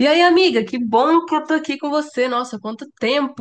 E aí, amiga, que bom que eu tô aqui com você. Nossa, quanto tempo!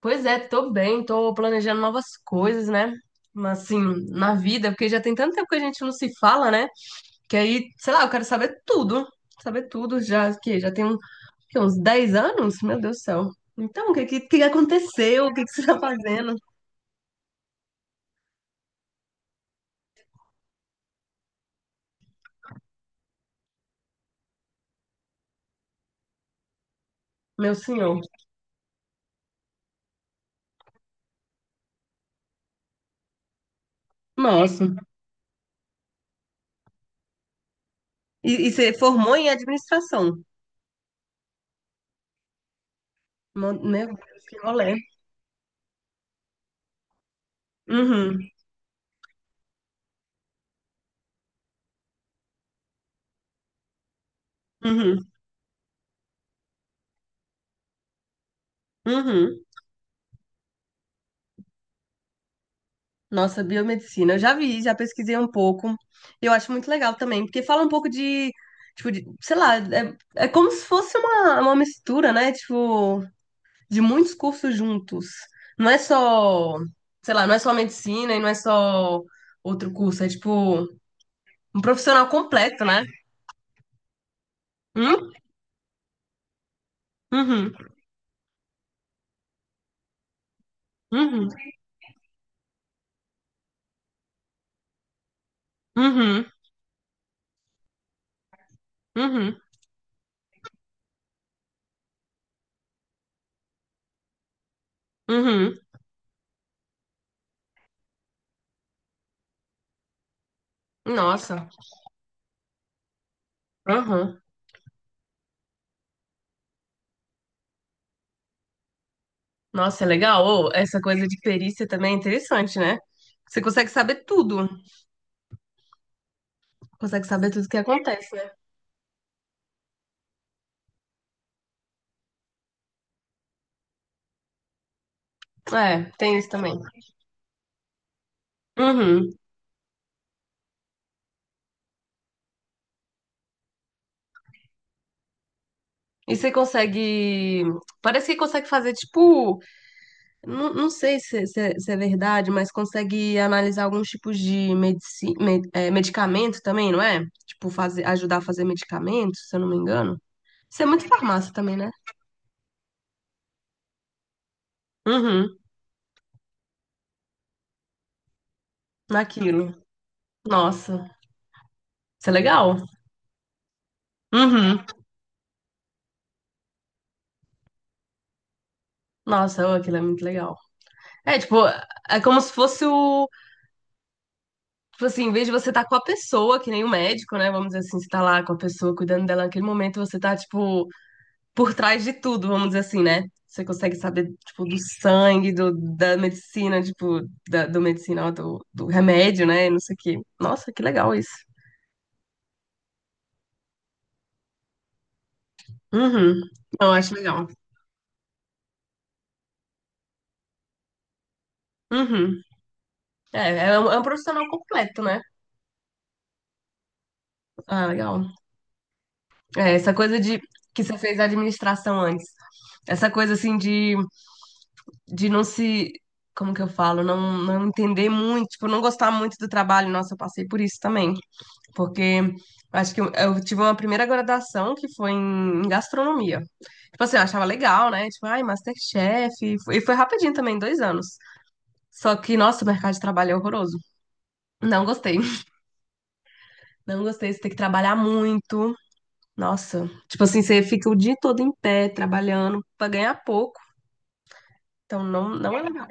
Pois é, tô bem, tô planejando novas coisas, né? Mas assim, na vida, porque já tem tanto tempo que a gente não se fala, né? Que aí, sei lá, eu quero saber tudo. Saber tudo já, que já tem uns 10 anos? Meu Deus do céu. Então, o que, aconteceu? O que você tá fazendo? Meu senhor. Nossa. E você formou em administração. Meu Deus, que rolê. Uhum, uhum, uhum. Nossa, biomedicina. Eu já vi, já pesquisei um pouco. Eu acho muito legal também, porque fala um pouco de, tipo, de, sei lá, é como se fosse uma mistura, né? Tipo, de muitos cursos juntos. Não é só, sei lá, não é só medicina e não é só outro curso. É, tipo, um profissional completo, né? Hum? Uhum, uhum, uhum, uhum, uhum. Nossa, uhum. Nossa, é legal. Ô, essa coisa de perícia também é interessante, né? Você consegue saber tudo. Consegue saber tudo o que acontece, né? É, tem isso também. Uhum. E você consegue. Parece que consegue fazer, tipo. Não, não sei é, se é verdade, mas consegue analisar alguns tipos de medicamento também, não é? Tipo, ajudar a fazer medicamento, se eu não me engano. Isso é muito farmácia também, né? Uhum. Naquilo. Nossa. Isso é legal. Uhum. Nossa, ô, aquilo é muito legal. É, tipo, é como se fosse o Tipo assim, em vez de você estar com a pessoa, que nem o médico, né? Vamos dizer assim, você tá lá com a pessoa, cuidando dela naquele momento, você tá, tipo, por trás de tudo, vamos dizer assim, né? Você consegue saber, tipo, do sangue, do, da medicina, tipo, do medicinal, do remédio, né? Não sei o quê. Nossa, que legal isso. Uhum. Eu acho legal. Uhum. É um profissional completo, né? Ah, legal. É, essa coisa de que você fez a administração antes. Essa coisa assim de não se, como que eu falo, não, não entender muito, tipo, não gostar muito do trabalho. Nossa, eu passei por isso também, porque eu acho que eu tive uma primeira graduação que foi em gastronomia. Tipo assim, eu achava legal, né? Tipo, ai, MasterChef, e foi rapidinho também, 2 anos. Só que, nossa, o mercado de trabalho é horroroso. Não gostei. Não gostei, você tem que trabalhar muito. Nossa, tipo assim, você fica o dia todo em pé, trabalhando pra ganhar pouco. Então, não, não é legal.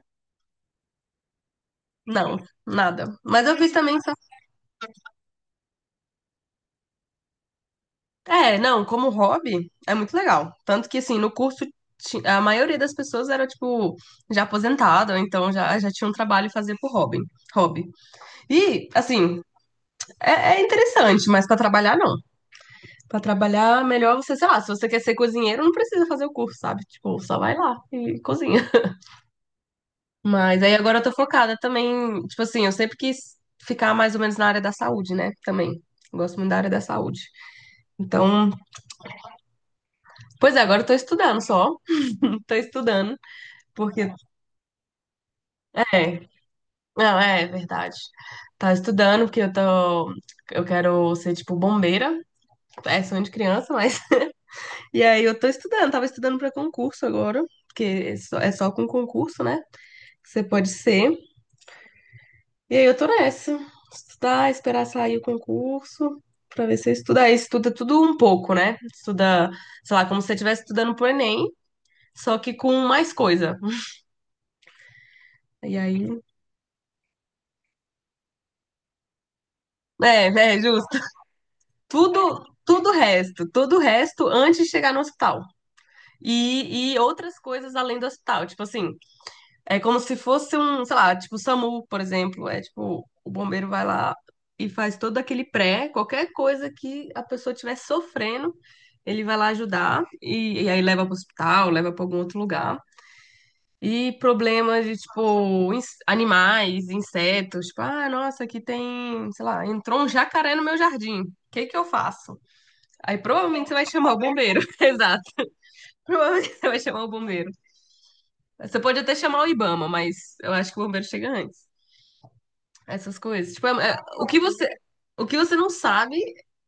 Não, nada. Mas eu fiz também. É, não, como hobby é muito legal. Tanto que, assim, no curso a maioria das pessoas era, tipo, já aposentada, ou então já tinha um trabalho e fazia por hobby. Hobby. E, assim, é, é interessante, mas pra trabalhar, não. Pra trabalhar, melhor você, sei lá, se você quer ser cozinheiro, não precisa fazer o curso, sabe? Tipo, só vai lá e cozinha. Mas aí agora eu tô focada também, tipo assim, eu sempre quis ficar mais ou menos na área da saúde, né? Também. Gosto muito da área da saúde. Então, pois é, agora eu tô estudando só. Tô estudando. Porque, é, não, é verdade. Tá estudando, porque eu quero ser, tipo, bombeira. É sonho de criança, mas. E aí eu tô estudando, tava estudando pra concurso agora, porque é só com concurso, né? Você pode ser. E aí eu tô nessa. Estudar, esperar sair o concurso, pra ver se eu estudo. Aí estuda tudo um pouco, né? Estuda, sei lá, como se você estivesse estudando pro Enem, só que com mais coisa. E aí. É, é, tudo o resto, tudo o resto antes de chegar no hospital. E outras coisas além do hospital. Tipo assim, é como se fosse um, sei lá, tipo o SAMU, por exemplo. É tipo, o bombeiro vai lá e faz todo aquele pré, qualquer coisa que a pessoa estiver sofrendo, ele vai lá ajudar e aí leva pro hospital, leva para algum outro lugar. E problemas de, tipo, animais, insetos. Tipo, ah, nossa, aqui tem, sei lá, entrou um jacaré no meu jardim. O que que eu faço? Aí provavelmente você vai chamar o bombeiro. Exato. Provavelmente você vai chamar o bombeiro. Você pode até chamar o Ibama, mas eu acho que o bombeiro chega antes. Essas coisas. Tipo, o que você não sabe,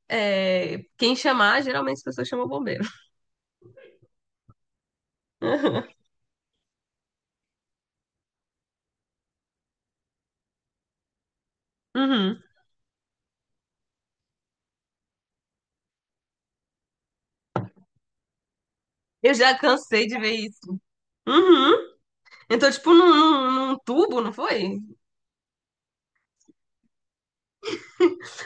quem chamar, geralmente as pessoas chamam o bombeiro. Uhum. Eu já cansei de ver isso. Uhum. Então, tipo, num tubo, não foi?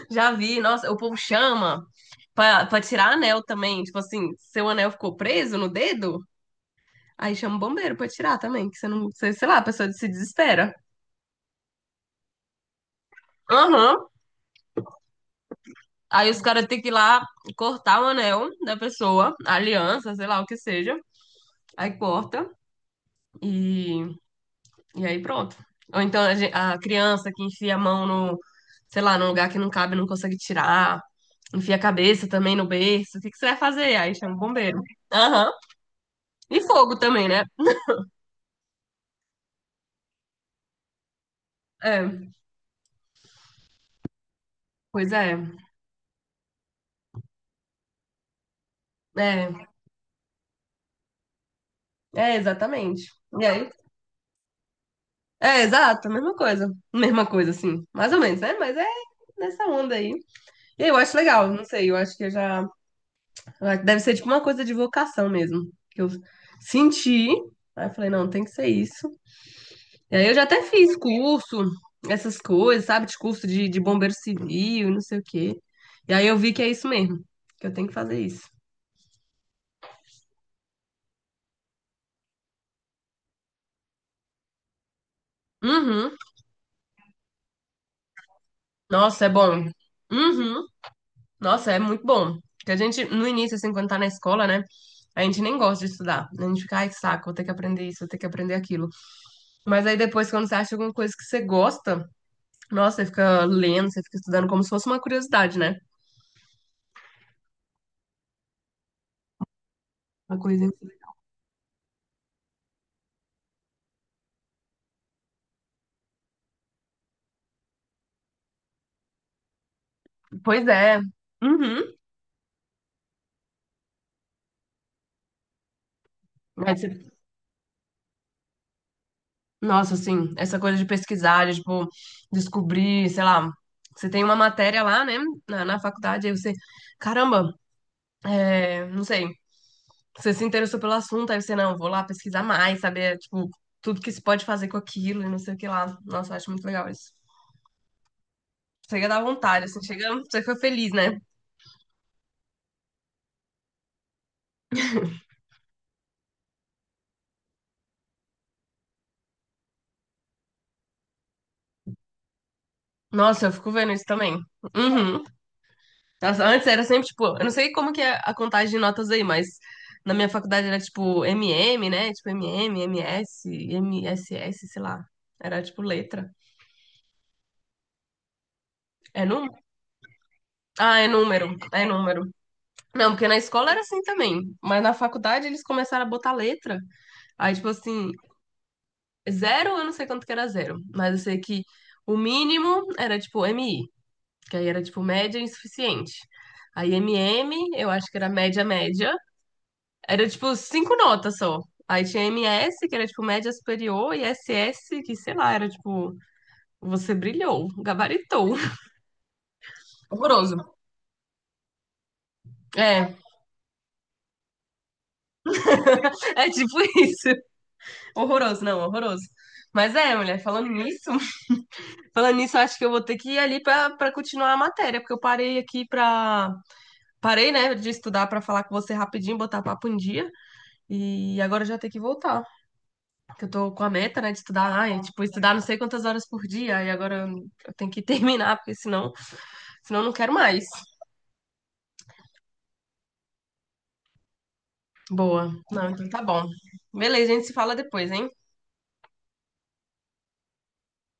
Já vi, nossa, o povo chama pra tirar anel também. Tipo assim, seu anel ficou preso no dedo. Aí chama o bombeiro pra tirar também, que você não, sei lá, a pessoa se desespera. Aham. Aí os caras têm que ir lá cortar o anel da pessoa, a aliança, sei lá o que seja. Aí corta e, e aí pronto. Ou então a criança que enfia a mão no, sei lá, num lugar que não cabe, não consegue tirar. Enfia a cabeça também no berço. O que que você vai fazer? Aí chama o bombeiro. Aham. E fogo também, né? É, pois é. É, é exatamente. E aí? É, exato, mesma coisa. Mesma coisa, assim. Mais ou menos, né? Mas é nessa onda aí. E eu acho legal, não sei, eu acho que eu já. Ah, deve ser tipo uma coisa de vocação mesmo. Que eu senti, aí eu falei, não, tem que ser isso. E aí eu já até fiz curso, essas coisas, sabe? De curso de bombeiro civil, não sei o quê. E aí eu vi que é isso mesmo, que eu tenho que fazer isso. Uhum. Nossa, é bom. Uhum. Nossa, é muito bom. Porque a gente, no início, assim, quando tá na escola, né? A gente nem gosta de estudar. A gente fica, ai, que saco, vou ter que aprender isso, vou ter que aprender aquilo. Mas aí depois, quando você acha alguma coisa que você gosta, nossa, você fica lendo, você fica estudando como se fosse uma curiosidade, né? Uma coisa. Pois é. Uhum. Aí você- Nossa, assim, essa coisa de pesquisar, de, tipo, descobrir, sei lá, você tem uma matéria lá, né, na faculdade, aí você, caramba, é, não sei, você se interessou pelo assunto, aí você, não, vou lá pesquisar mais, saber, tipo, tudo que se pode fazer com aquilo e não sei o que lá. Nossa, eu acho muito legal isso. Chega da vontade, assim, chega, você fica feliz, né? Nossa, eu fico vendo isso também. Uhum. Nossa, antes era sempre, tipo, eu não sei como que é a contagem de notas aí, mas na minha faculdade era, tipo, MM, né? Tipo, MM, MS, MSS, sei lá. Era, tipo, letra. É número? Ah, é número, é número. Não, porque na escola era assim também, mas na faculdade eles começaram a botar letra. Aí, tipo assim, zero, eu não sei quanto que era zero, mas eu sei que o mínimo era, tipo, MI. Que aí era tipo média insuficiente. Aí MM, eu acho que era média média, era tipo cinco notas só. Aí tinha MS, que era tipo média superior, e SS, que sei lá, era tipo, você brilhou, gabaritou. Horroroso. É, é tipo isso. Horroroso, não, horroroso. Mas é, mulher, falando nisso, falando nisso, eu acho que eu vou ter que ir ali pra continuar a matéria, porque eu parei aqui pra. Parei, né, de estudar pra falar com você rapidinho, botar papo em dia, e agora eu já tenho que voltar. Que eu tô com a meta, né, de estudar, ai, tipo, estudar não sei quantas horas por dia, e agora eu tenho que terminar, porque senão, eu não quero mais. Boa. Não, então tá bom. Beleza, a gente se fala depois, hein?